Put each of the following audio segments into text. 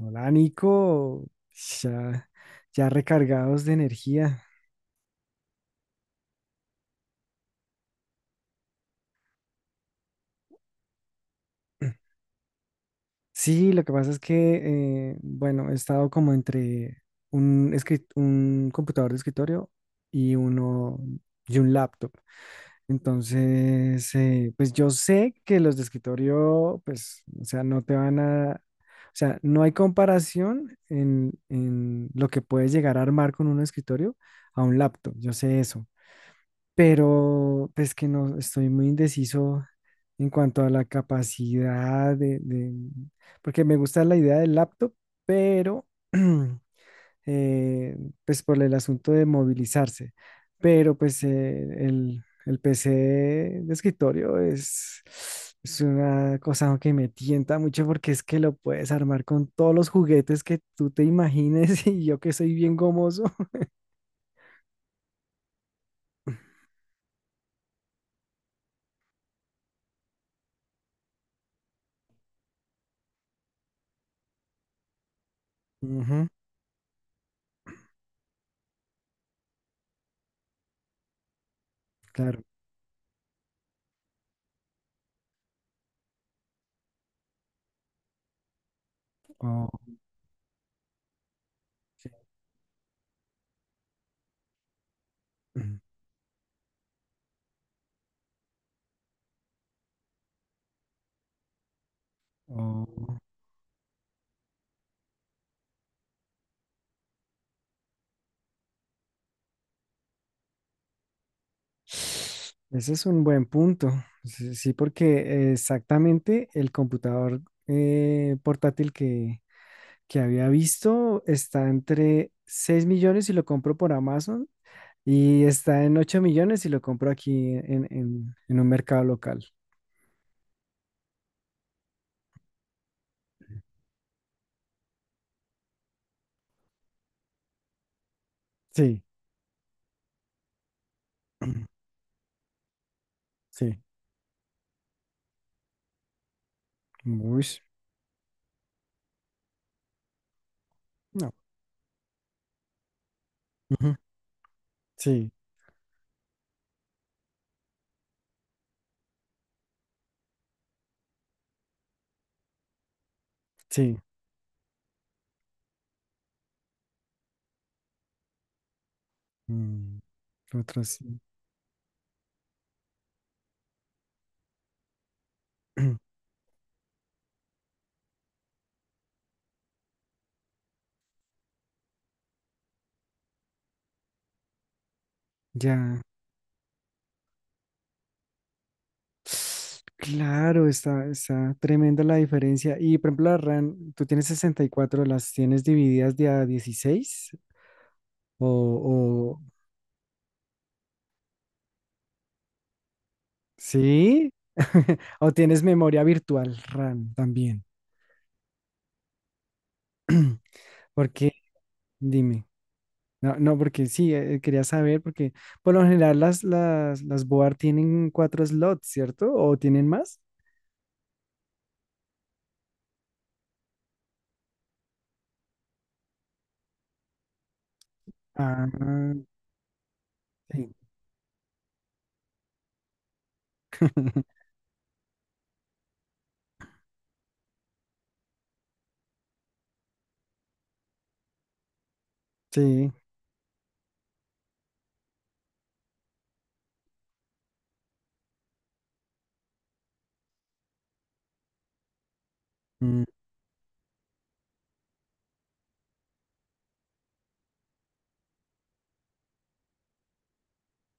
Hola, Nico. Ya, ya recargados de energía. Sí, lo que pasa es que, bueno, he estado como entre un computador de escritorio y uno y un laptop. Entonces, pues yo sé que los de escritorio, pues, o sea, no te van a, o sea, no hay comparación en lo que puedes llegar a armar con un escritorio a un laptop. Yo sé eso. Pero pues que no estoy muy indeciso en cuanto a la capacidad de, porque me gusta la idea del laptop, pero eh, pues por el asunto de movilizarse, pero pues el PC de escritorio es una cosa que me tienta mucho porque es que lo puedes armar con todos los juguetes que tú te imagines y yo que soy bien gomoso. Ujú, claro. Oh, sí. Oh, ese es un buen punto. Sí, sí, porque exactamente el computador portátil que había visto está entre 6.000.000 si lo compro por Amazon y está en 8.000.000 si lo compro aquí en, en un mercado local. Sí, sí. Uy, no. Ujú, sí, sí. Mm, otro sí. Ya. Claro, está, está tremenda la diferencia. Y por ejemplo, la RAM, tú tienes 64, ¿las tienes divididas de a 16? ¿O, o sí? ¿O tienes memoria virtual RAM también? ¿Por qué? Dime. No, no, porque sí, quería saber, porque por lo general las board tienen 4 slots, ¿cierto? ¿O tienen más? Ah, sí. Sí. Mm,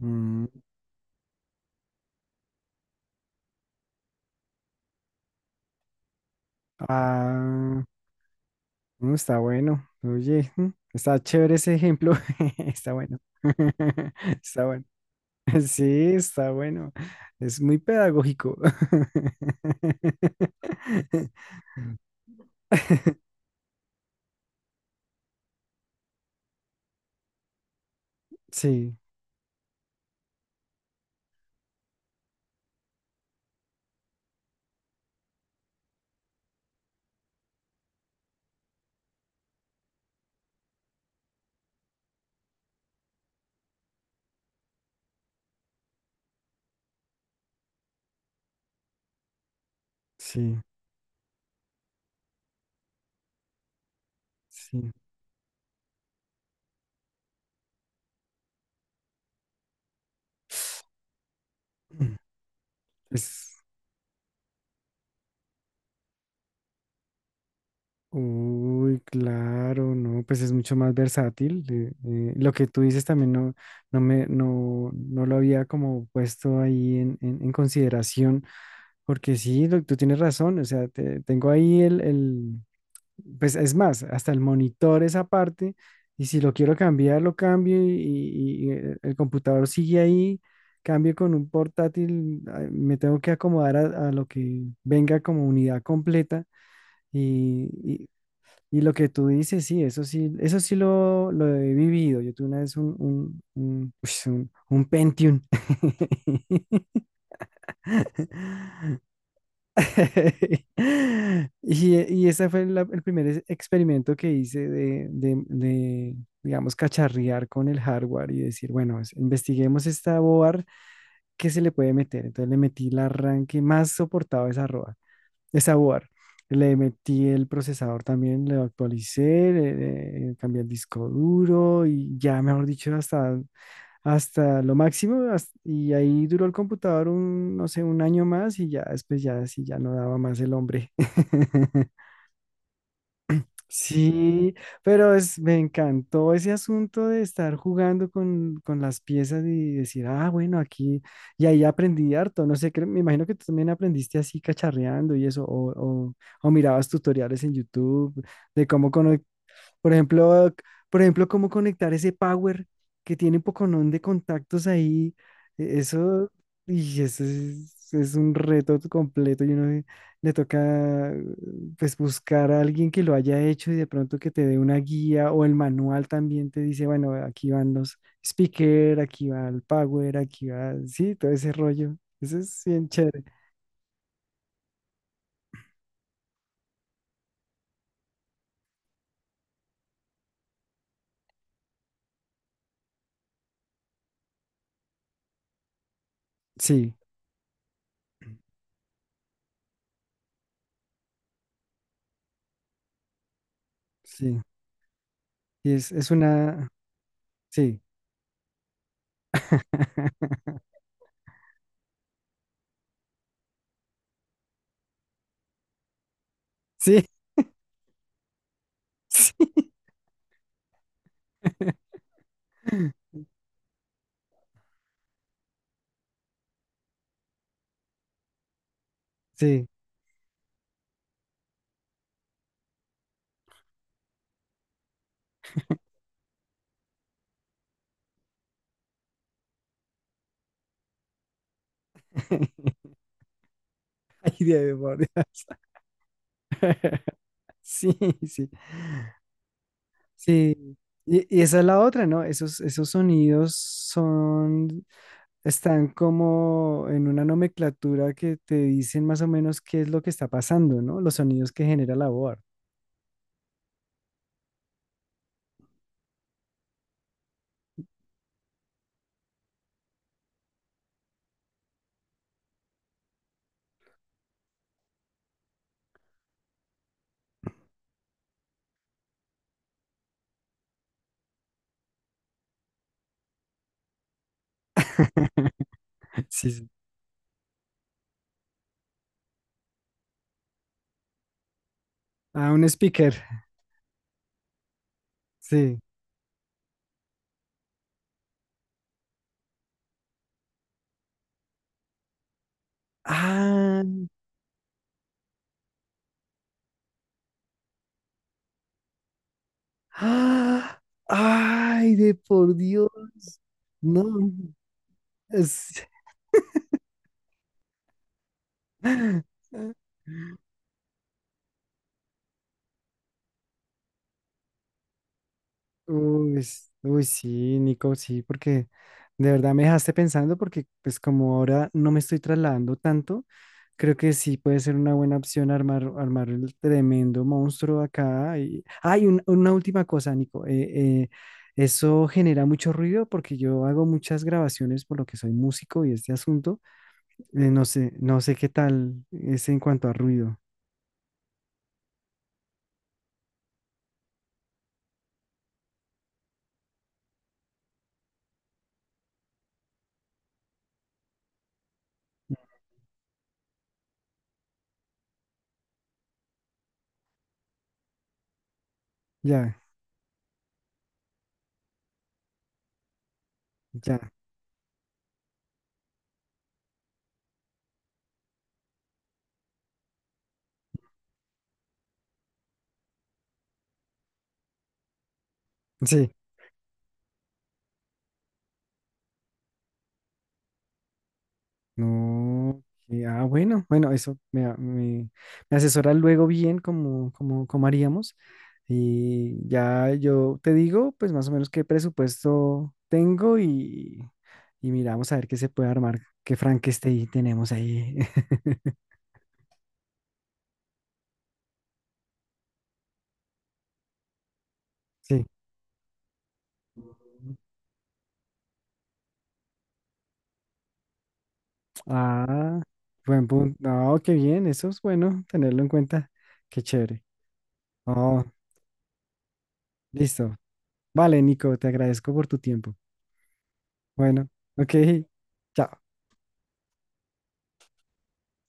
mm. Ah, no está bueno. Oye, está chévere ese ejemplo. Está bueno. Está bueno. Sí, está bueno. Es muy pedagógico. Sí, sí, sí. Es- Uy, claro, no, pues es mucho más versátil. Lo que tú dices también no, no lo había como puesto ahí en, en consideración, porque sí, tú tienes razón, o sea, tengo ahí el, pues es más, hasta el monitor esa parte, y si lo quiero cambiar, lo cambio y, y el computador sigue ahí, cambio con un portátil, ah, me tengo que acomodar a lo que venga como unidad completa y, y lo que tú dices, sí, eso sí, eso sí lo he vivido. Yo tuve una vez un Pentium. Y, y ese fue el primer experimento que hice digamos, cacharrear con el hardware y decir, bueno, investiguemos esta board, ¿qué se le puede meter? Entonces le metí la RAM que más soportaba esa de sabor. Le metí el procesador también, lo actualicé, le cambié el disco duro y ya, mejor dicho, hasta lo máximo. Y ahí duró el computador un, no sé, un año más y ya después ya, sí, ya no daba más el hombre. Sí, pero es, me encantó ese asunto de estar jugando con las piezas y decir, ah, bueno, aquí, y ahí aprendí harto, no sé, me imagino que tú también aprendiste así cacharreando y eso, o, o mirabas tutoriales en YouTube de cómo por ejemplo, c- por ejemplo, cómo conectar ese power que tiene un poconón de contactos ahí. Eso, y eso es un reto completo. Y uno le toca pues buscar a alguien que lo haya hecho y de pronto que te dé una guía o el manual también te dice, bueno, aquí van los speaker, aquí va el power, aquí va, sí, todo ese rollo. Eso es bien chévere. Sí, sí. Y es una, sí, sí, sí. Sí. Ay, Dios, por Dios. Sí, sí. Sí. Y esa es la otra, ¿no? Esos, esos sonidos son, están como en una nomenclatura que te dicen más o menos qué es lo que está pasando, ¿no? Los sonidos que genera la voz. Sí, sí. Ah, un speaker. Sí. Ah, ah, ay, de por Dios. No. es- Uy, uy, sí, Nico, sí, porque de verdad me dejaste pensando porque pues como ahora no me estoy trasladando tanto, creo que sí puede ser una buena opción armar, armar el tremendo monstruo acá. Y... Ah, y una última cosa, Nico, eso genera mucho ruido porque yo hago muchas grabaciones por lo que soy músico y este asunto, no sé, no sé qué tal es en cuanto a ruido. Ya, ya, sí. No, ah, bueno, bueno, me, me asesora luego bien cómo cómo cómo haríamos. Y ya yo te digo, pues más o menos qué presupuesto tengo y miramos a ver qué se puede armar, qué Frankenstein tenemos ahí. Sí. Ah, buen punto. No, qué bien, eso es bueno tenerlo en cuenta. Qué chévere. Oh, listo. Vale, Nico, te agradezco por tu tiempo. Bueno, ok, chao.